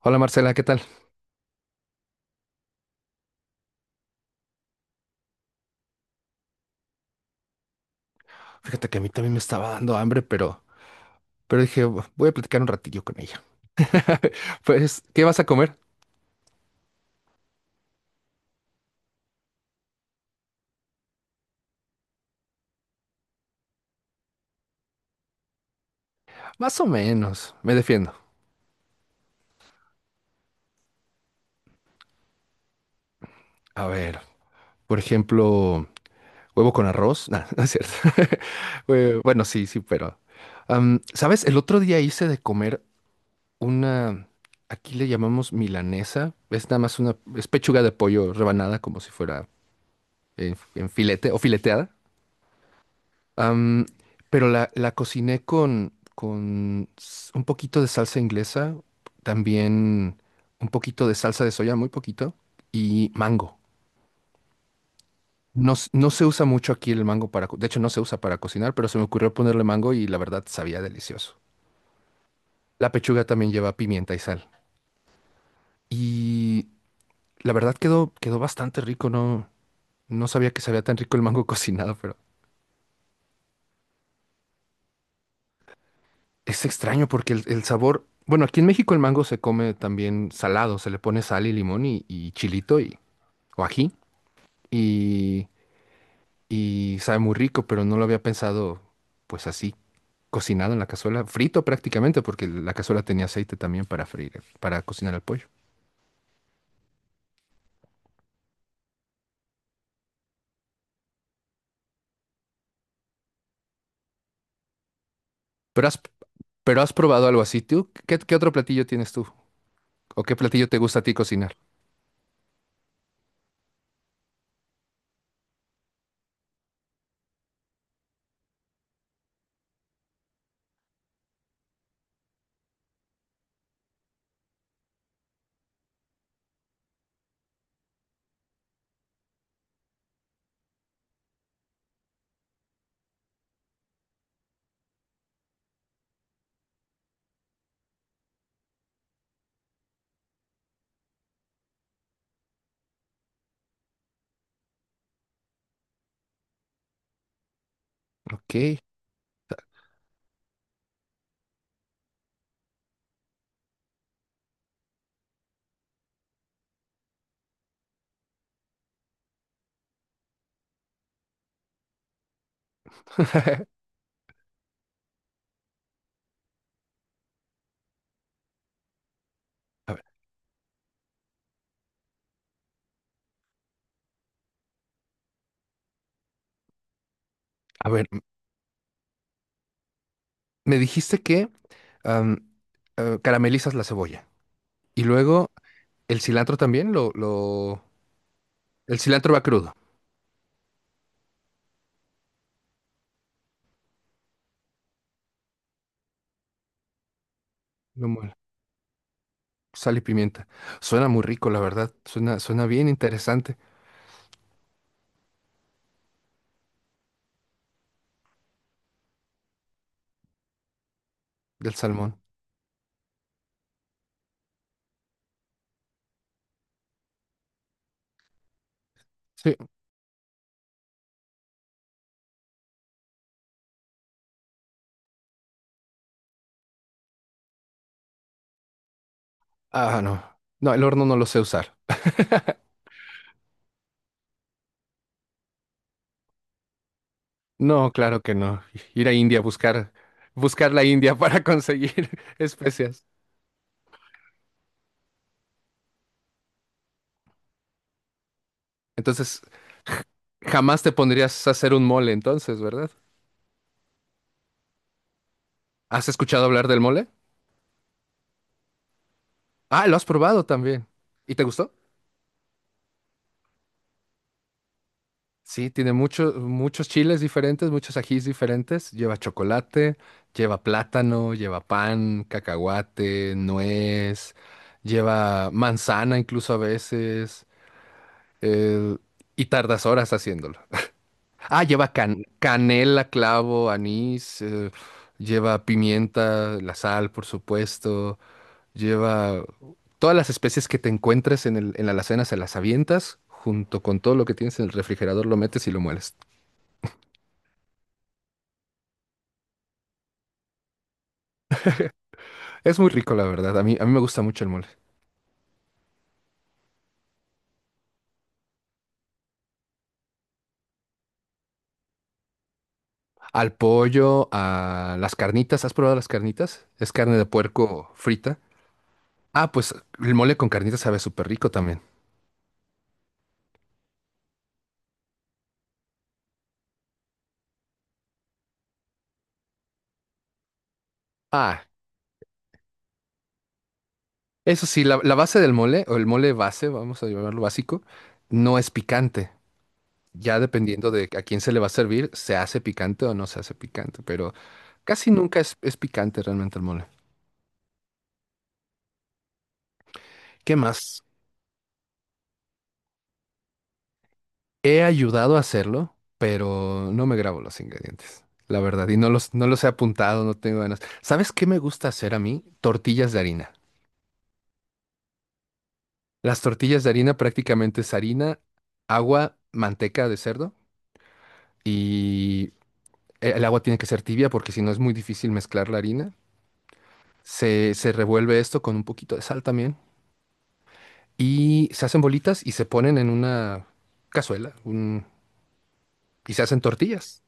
Hola Marcela, ¿qué tal? Fíjate que a mí también me estaba dando hambre, pero dije, "Bu- voy a platicar un ratillo con ella." Pues, ¿qué vas a comer? Más o menos, me defiendo. A ver, por ejemplo, huevo con arroz. Nah, no es cierto. Bueno, sí, sí, pero... ¿sabes? El otro día hice de comer una... Aquí le llamamos milanesa. Es nada más una... Es pechuga de pollo rebanada como si fuera en filete o fileteada. Am, pero la cociné con s- un poquito de salsa inglesa, también un poquito de salsa de soya, muy poquito, y mango. No, s- no se usa mucho aquí el mango para, co- de hecho no se usa para cocinar, pero se me ocurrió ponerle mango y la verdad sabía delicioso. La pechuga también lleva pimienta y sal. Y la verdad quedó bastante rico, no, no sabía que sabía tan rico el mango cocinado, pero es extraño porque el sabor, bueno, aquí en México el mango se come también salado, se le pone sal y limón y chilito o ají y, y sabe muy rico, pero no lo había pensado pues así, cocinado en la cazuela, frito prácticamente porque la cazuela tenía aceite también para freír, el- para cocinar el pollo. Pero has, pero has probado algo así, ¿tú? Qué otro platillo tienes tú? ¿O qué platillo te gusta a ti cocinar? Ok. A ver, a ver, m- me dijiste que am, caramelizas la cebolla y luego el cilantro también lo... El cilantro va crudo. No muele. Sal y pimienta. Suena muy rico, la verdad. Suena bien interesante del salmón. Sí. Ah, no. No, el horno no lo sé usar. No, claro que no. Ir a India a buscar, buscar la India para conseguir especias. Entonces, jamás te pondrías a hacer un mole entonces, ¿verdad? ¿Has escuchado hablar del mole? Ah, lo has probado también. ¿Y te gustó? Sí, tiene muchos chiles diferentes, muchos ajís diferentes. Lleva chocolate, lleva plátano, lleva pan, cacahuate, nuez, lleva manzana incluso a veces. eh, y tardas horas haciéndolo. Ah, lleva can- canela, clavo, anís, lleva pimienta, la sal, por supuesto. Lleva todas las especies que te encuentres en en la alacena, se las avientas junto con todo lo que tienes en el refrigerador, lo metes y lo mueles. Es muy rico, la verdad. A mí me gusta mucho el mole. Al pollo, a las carnitas. ¿Has probado las carnitas? Es carne de puerco frita. Ah, pues el mole con carnitas sabe súper rico también. Ah, eso sí, la base del mole, o el mole base, vamos a llamarlo básico, no es picante. Ya dependiendo de a quién se le va a servir, se hace picante o no se hace picante, pero casi nunca es picante realmente el mole. ¿Qué más? He ayudado a hacerlo, pero no me grabo los ingredientes, la verdad, y no no los he apuntado, no tengo ganas. ¿Sabes qué me gusta hacer a mí? Tortillas de harina. Las tortillas de harina prácticamente es harina, agua, manteca de cerdo y el agua tiene que ser tibia porque si no es muy difícil mezclar la harina. Se revuelve esto con un poquito de sal también y se hacen bolitas y se ponen en una cazuela un- y se hacen tortillas.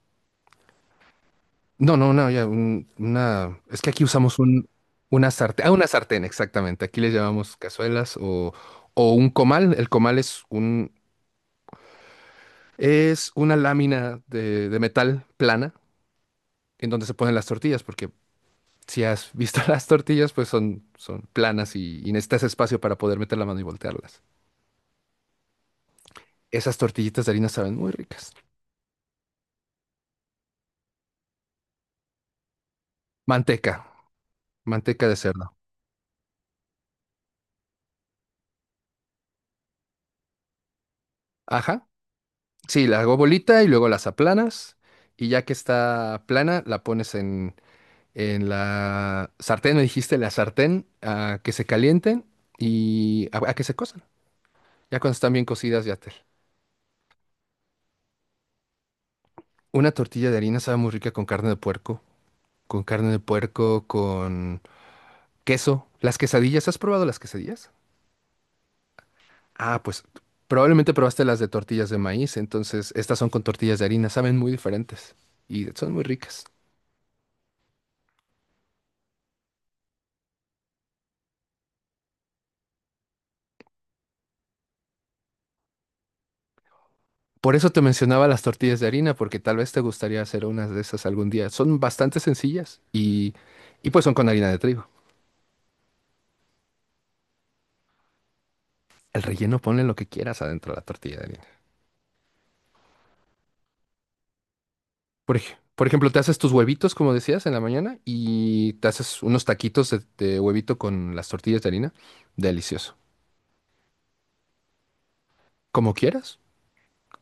No, no, no, ya, un- una. Es que aquí usamos una sartén. Ah, una sartén, exactamente. Aquí les llamamos cazuelas o un comal. El comal es un, es una lámina de metal plana en donde se ponen las tortillas, porque si has visto las tortillas, pues son, son planas y necesitas espacio para poder meter la mano y voltearlas. Esas tortillitas de harina saben muy ricas. Manteca, manteca de cerdo. Ajá. Sí, la hago bolita y luego las aplanas. Y ya que está plana, la pones en la sartén me dijiste, la sartén, a que se calienten y a que se cozan. Ya cuando están bien cocidas, ya te. Una tortilla de harina sabe muy rica con carne de puerco, con queso. Las quesadillas, ¿has probado las quesadillas? Ah, pues probablemente probaste las de tortillas de maíz, entonces estas son con tortillas de harina, saben muy diferentes y son muy ricas. Por eso te mencionaba las tortillas de harina, porque tal vez te gustaría hacer unas de esas algún día. Son bastante sencillas y pues son con harina de trigo. El relleno ponle lo que quieras adentro de la tortilla de harina. Por ejemplo, te haces tus huevitos, como decías, en la mañana y te haces unos taquitos de huevito con las tortillas de harina. Delicioso. Como quieras.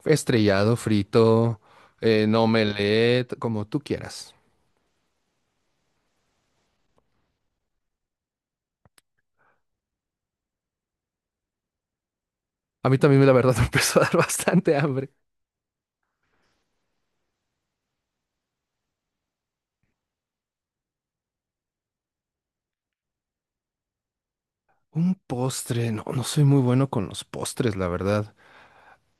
Estrellado, frito, en omelette, como tú quieras. A mí también, la verdad, me empezó a dar bastante hambre. Un postre. No, no soy muy bueno con los postres, la verdad.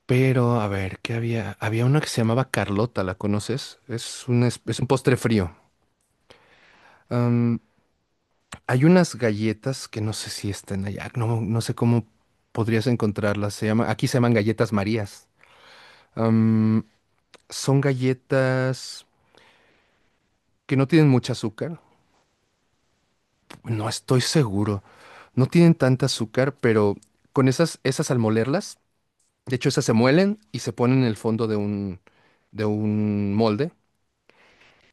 Pero, a ver, ¿qué había? Había una que se llamaba Carlota, ¿la conoces? Es un, es un postre frío. Hay unas galletas que no sé si están allá, no, no sé cómo podrías encontrarlas. Se llama, aquí se llaman galletas Marías. Am, son galletas que no tienen mucho azúcar. No estoy seguro. No tienen tanta azúcar, pero con esas al molerlas, de hecho, esas se muelen y se ponen en el fondo de de un molde.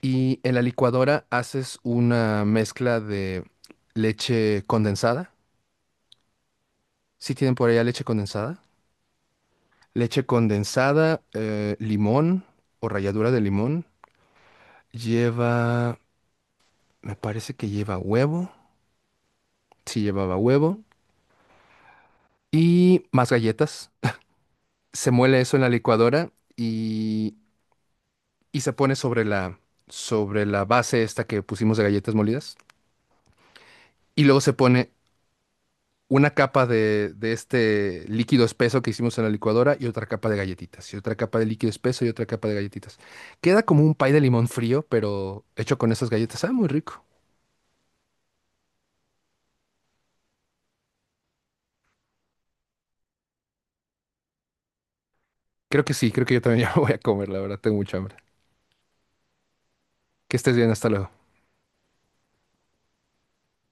Y en la licuadora haces una mezcla de leche condensada. ¿Sí tienen por allá leche condensada? Leche condensada, limón o ralladura de limón. Lleva, me parece que lleva huevo. Sí, llevaba huevo. Y más galletas. Se muele eso en la licuadora y, y se pone sobre sobre la base esta que pusimos de galletas molidas. Y luego se pone una capa de este líquido espeso que hicimos en la licuadora y otra capa de galletitas. Y otra capa de líquido espeso y otra capa de galletitas. Queda como un pay de limón frío, pero hecho con esas galletas. Ah, muy rico. Creo que sí, creo que yo también ya me voy a comer, la verdad, tengo mucha hambre. Que estés bien, hasta luego.